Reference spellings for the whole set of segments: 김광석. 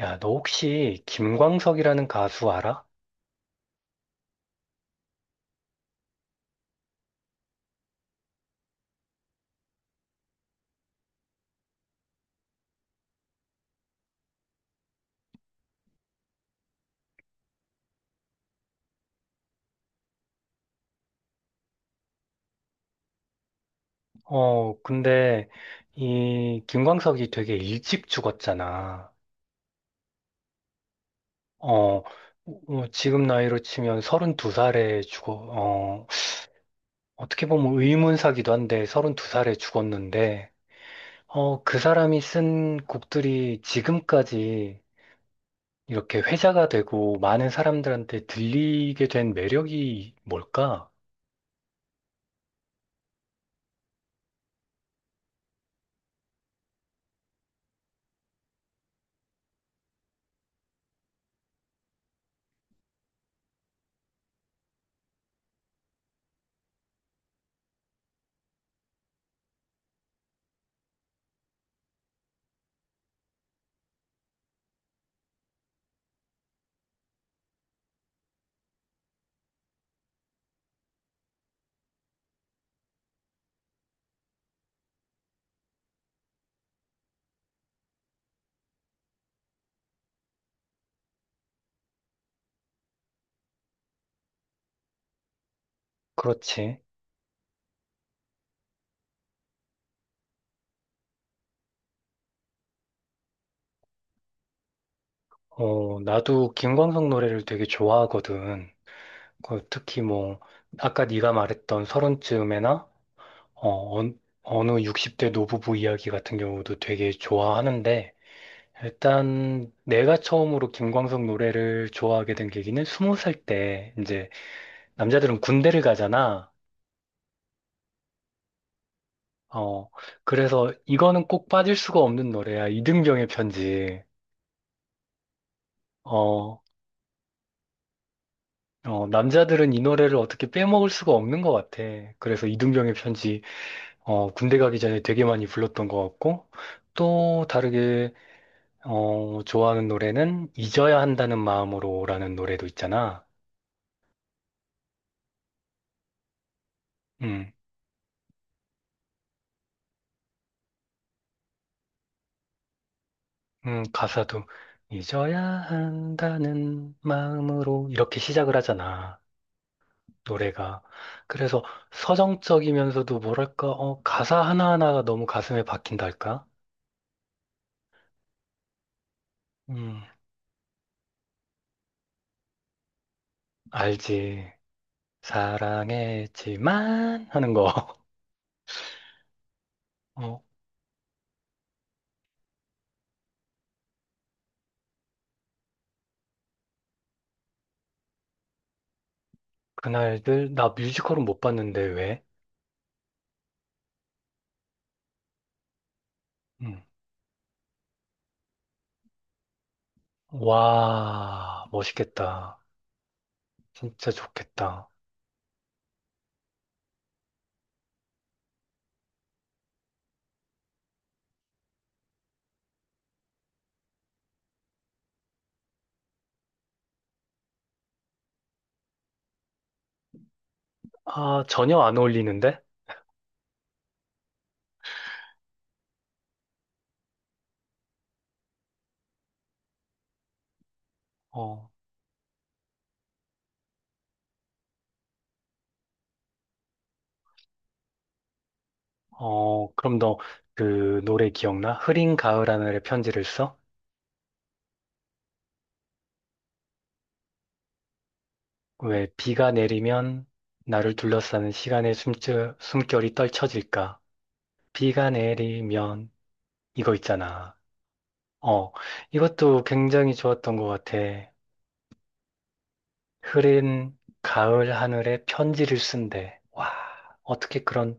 야, 너 혹시 김광석이라는 가수 알아? 근데 이 김광석이 되게 일찍 죽었잖아. 어, 지금 나이로 치면 32살에 죽어, 어떻게 보면 의문사기도 한데 32살에 죽었는데, 그 사람이 쓴 곡들이 지금까지 이렇게 회자가 되고 많은 사람들한테 들리게 된 매력이 뭘까? 그렇지. 나도 김광석 노래를 되게 좋아하거든. 그 특히 뭐 아까 네가 말했던 서른쯤에나 어, 어- 어느 60대 노부부 이야기 같은 경우도 되게 좋아하는데 일단 내가 처음으로 김광석 노래를 좋아하게 된 계기는 20살 때 이제 남자들은 군대를 가잖아. 어 그래서 이거는 꼭 빠질 수가 없는 노래야. 이등병의 편지. 어, 남자들은 이 노래를 어떻게 빼먹을 수가 없는 것 같아. 그래서 이등병의 편지 군대 가기 전에 되게 많이 불렀던 것 같고, 또 다르게, 좋아하는 노래는 잊어야 한다는 마음으로라는 노래도 있잖아. 음, 가사도 잊어야 한다는 마음으로 이렇게 시작을 하잖아. 노래가. 그래서 서정적이면서도 뭐랄까, 가사 하나하나가 너무 가슴에 박힌달까? 음, 알지. 사랑했지만 하는 거. 어, 그날들, 나 뮤지컬은 못 봤는데 왜? 음. 와, 멋있겠다. 진짜 좋겠다. 아, 전혀 안 어울리는데? 어, 그럼 너 그 노래 기억나? 흐린 가을 하늘의 편지를 써? 왜 비가 내리면 나를 둘러싸는 시간의 숨결이 떨쳐질까? 비가 내리면 이거 있잖아. 어, 이것도 굉장히 좋았던 것 같아. 흐린 가을 하늘에 편지를 쓴대. 와, 어떻게 그런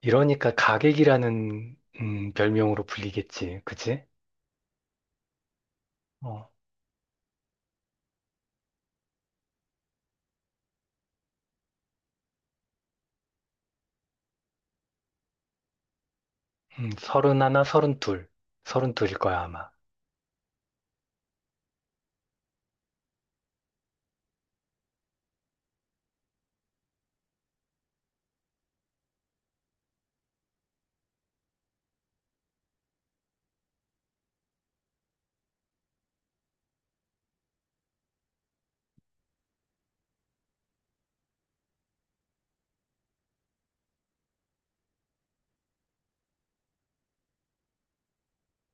이러니까 가객이라는 별명으로 불리겠지. 그치? 어, 31, 32. 서른둘일 거야, 아마.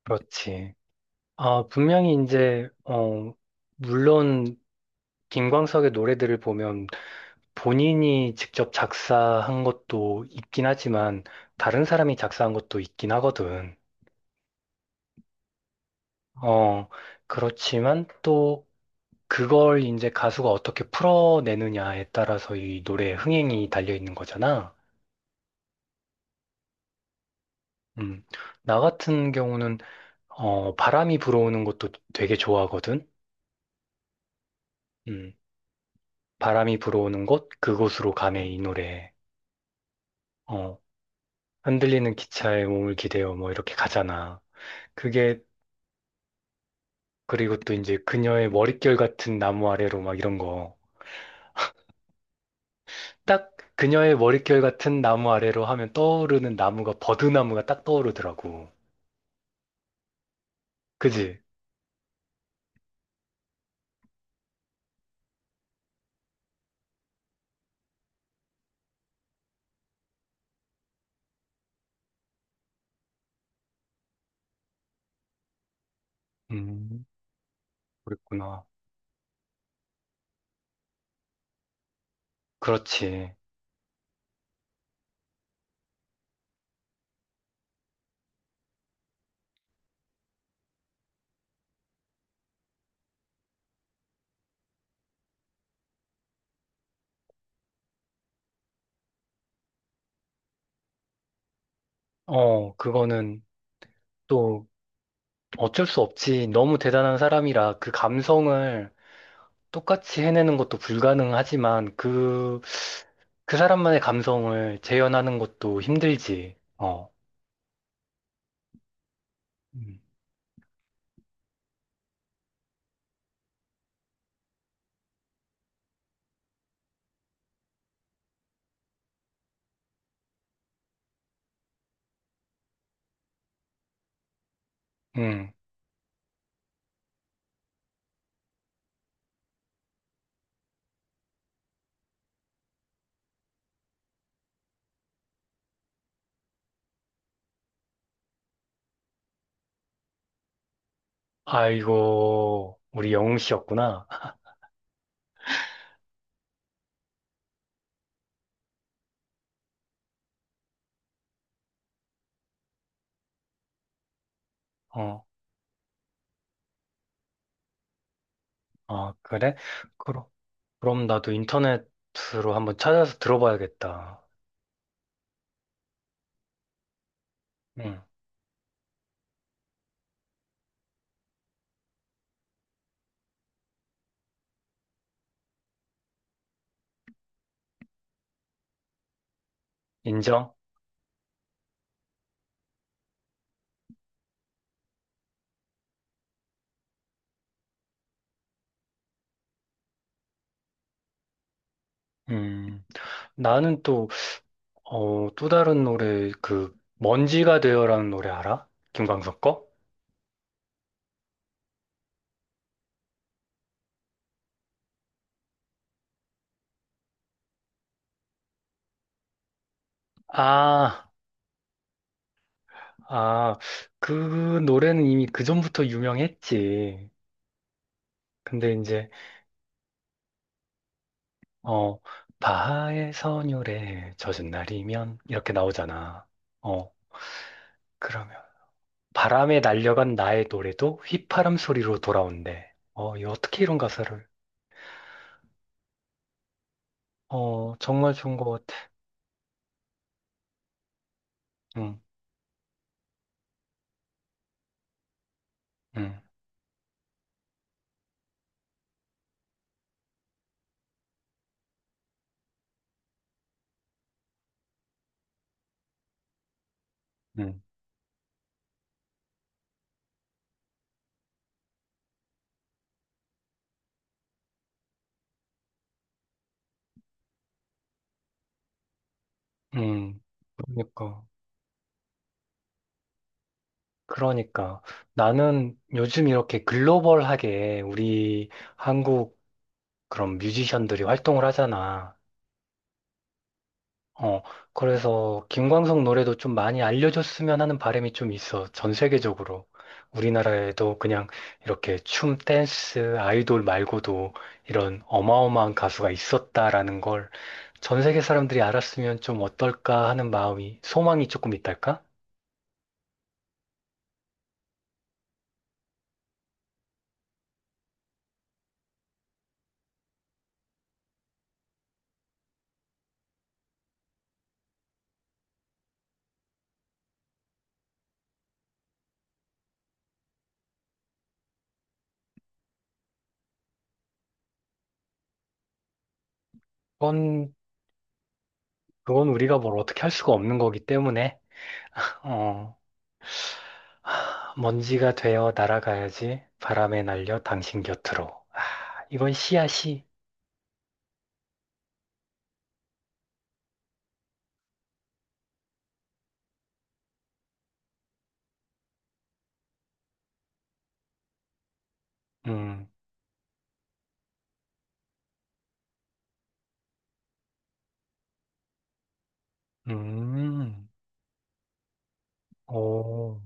그렇지. 아, 분명히 이제, 물론 김광석의 노래들을 보면 본인이 직접 작사한 것도 있긴 하지만 다른 사람이 작사한 것도 있긴 하거든. 어, 그렇지만 또 그걸 이제 가수가 어떻게 풀어내느냐에 따라서 이 노래의 흥행이 달려 있는 거잖아. 음, 나 같은 경우는 바람이 불어오는 것도 되게 좋아하거든. 음, 바람이 불어오는 곳 그곳으로 가네 이 노래. 어, 흔들리는 기차에 몸을 기대어 뭐 이렇게 가잖아. 그게 그리고 또 이제 그녀의 머릿결 같은 나무 아래로 막 이런 거. 딱 그녀의 머릿결 같은 나무 아래로 하면 떠오르는 나무가 버드나무가 딱 떠오르더라고. 그지? 음, 그랬구나. 그렇지. 그거는 또 어쩔 수 없지. 너무 대단한 사람이라 그 감성을 똑같이 해내는 것도 불가능하지만 그 사람만의 감성을 재현하는 것도 힘들지. 어. 음. 음. 아이고, 우리 영웅 씨였구나. 어, 그래? 그럼, 그럼, 나도 인터넷으로 한번 찾아서 들어봐야겠다. 응 인정? 음. 나는 또, 또 다른 노래, 그, 먼지가 되어라는 노래 알아? 김광석 거? 아. 아, 그 노래는 이미 그전부터 유명했지. 근데 이제, 어, 바하의 선율에 젖은 날이면 이렇게 나오잖아. 어, 그러면 바람에 날려간 나의 노래도 휘파람 소리로 돌아온대. 이 어떻게 이런 가사를? 정말 좋은 것 같아. 응, 응, 응, 응. 그러니까. 그러니까 나는 요즘 이렇게 글로벌하게 우리 한국 그런 뮤지션들이 활동을 하잖아. 어, 그래서 김광석 노래도 좀 많이 알려줬으면 하는 바람이 좀 있어. 전 세계적으로. 우리나라에도 그냥 이렇게 춤, 댄스, 아이돌 말고도 이런 어마어마한 가수가 있었다라는 걸 전 세계 사람들이 알았으면 좀 어떨까 하는 마음이, 소망이 조금 있달까? 그건, 그건, 우리가 뭘 어떻게 할 수가 없는 거기 때문에, 어, 하, 먼지가 되어 날아가야지 바람에 날려 당신 곁으로. 아, 이건 시야 시. 음. 음, 오,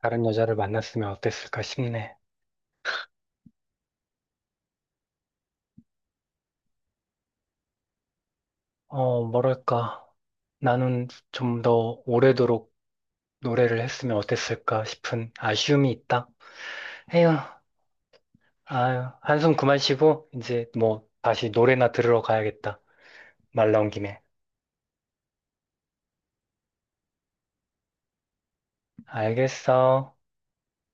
다른 여자를 만났으면 어땠을까 싶네. 뭐랄까. 나는 좀 더 오래도록 노래를 했으면 어땠을까 싶은 아쉬움이 있다. 에휴, 아유, 한숨 그만 쉬고, 이제 뭐, 다시 노래나 들으러 가야겠다. 말 나온 김에. 알겠어.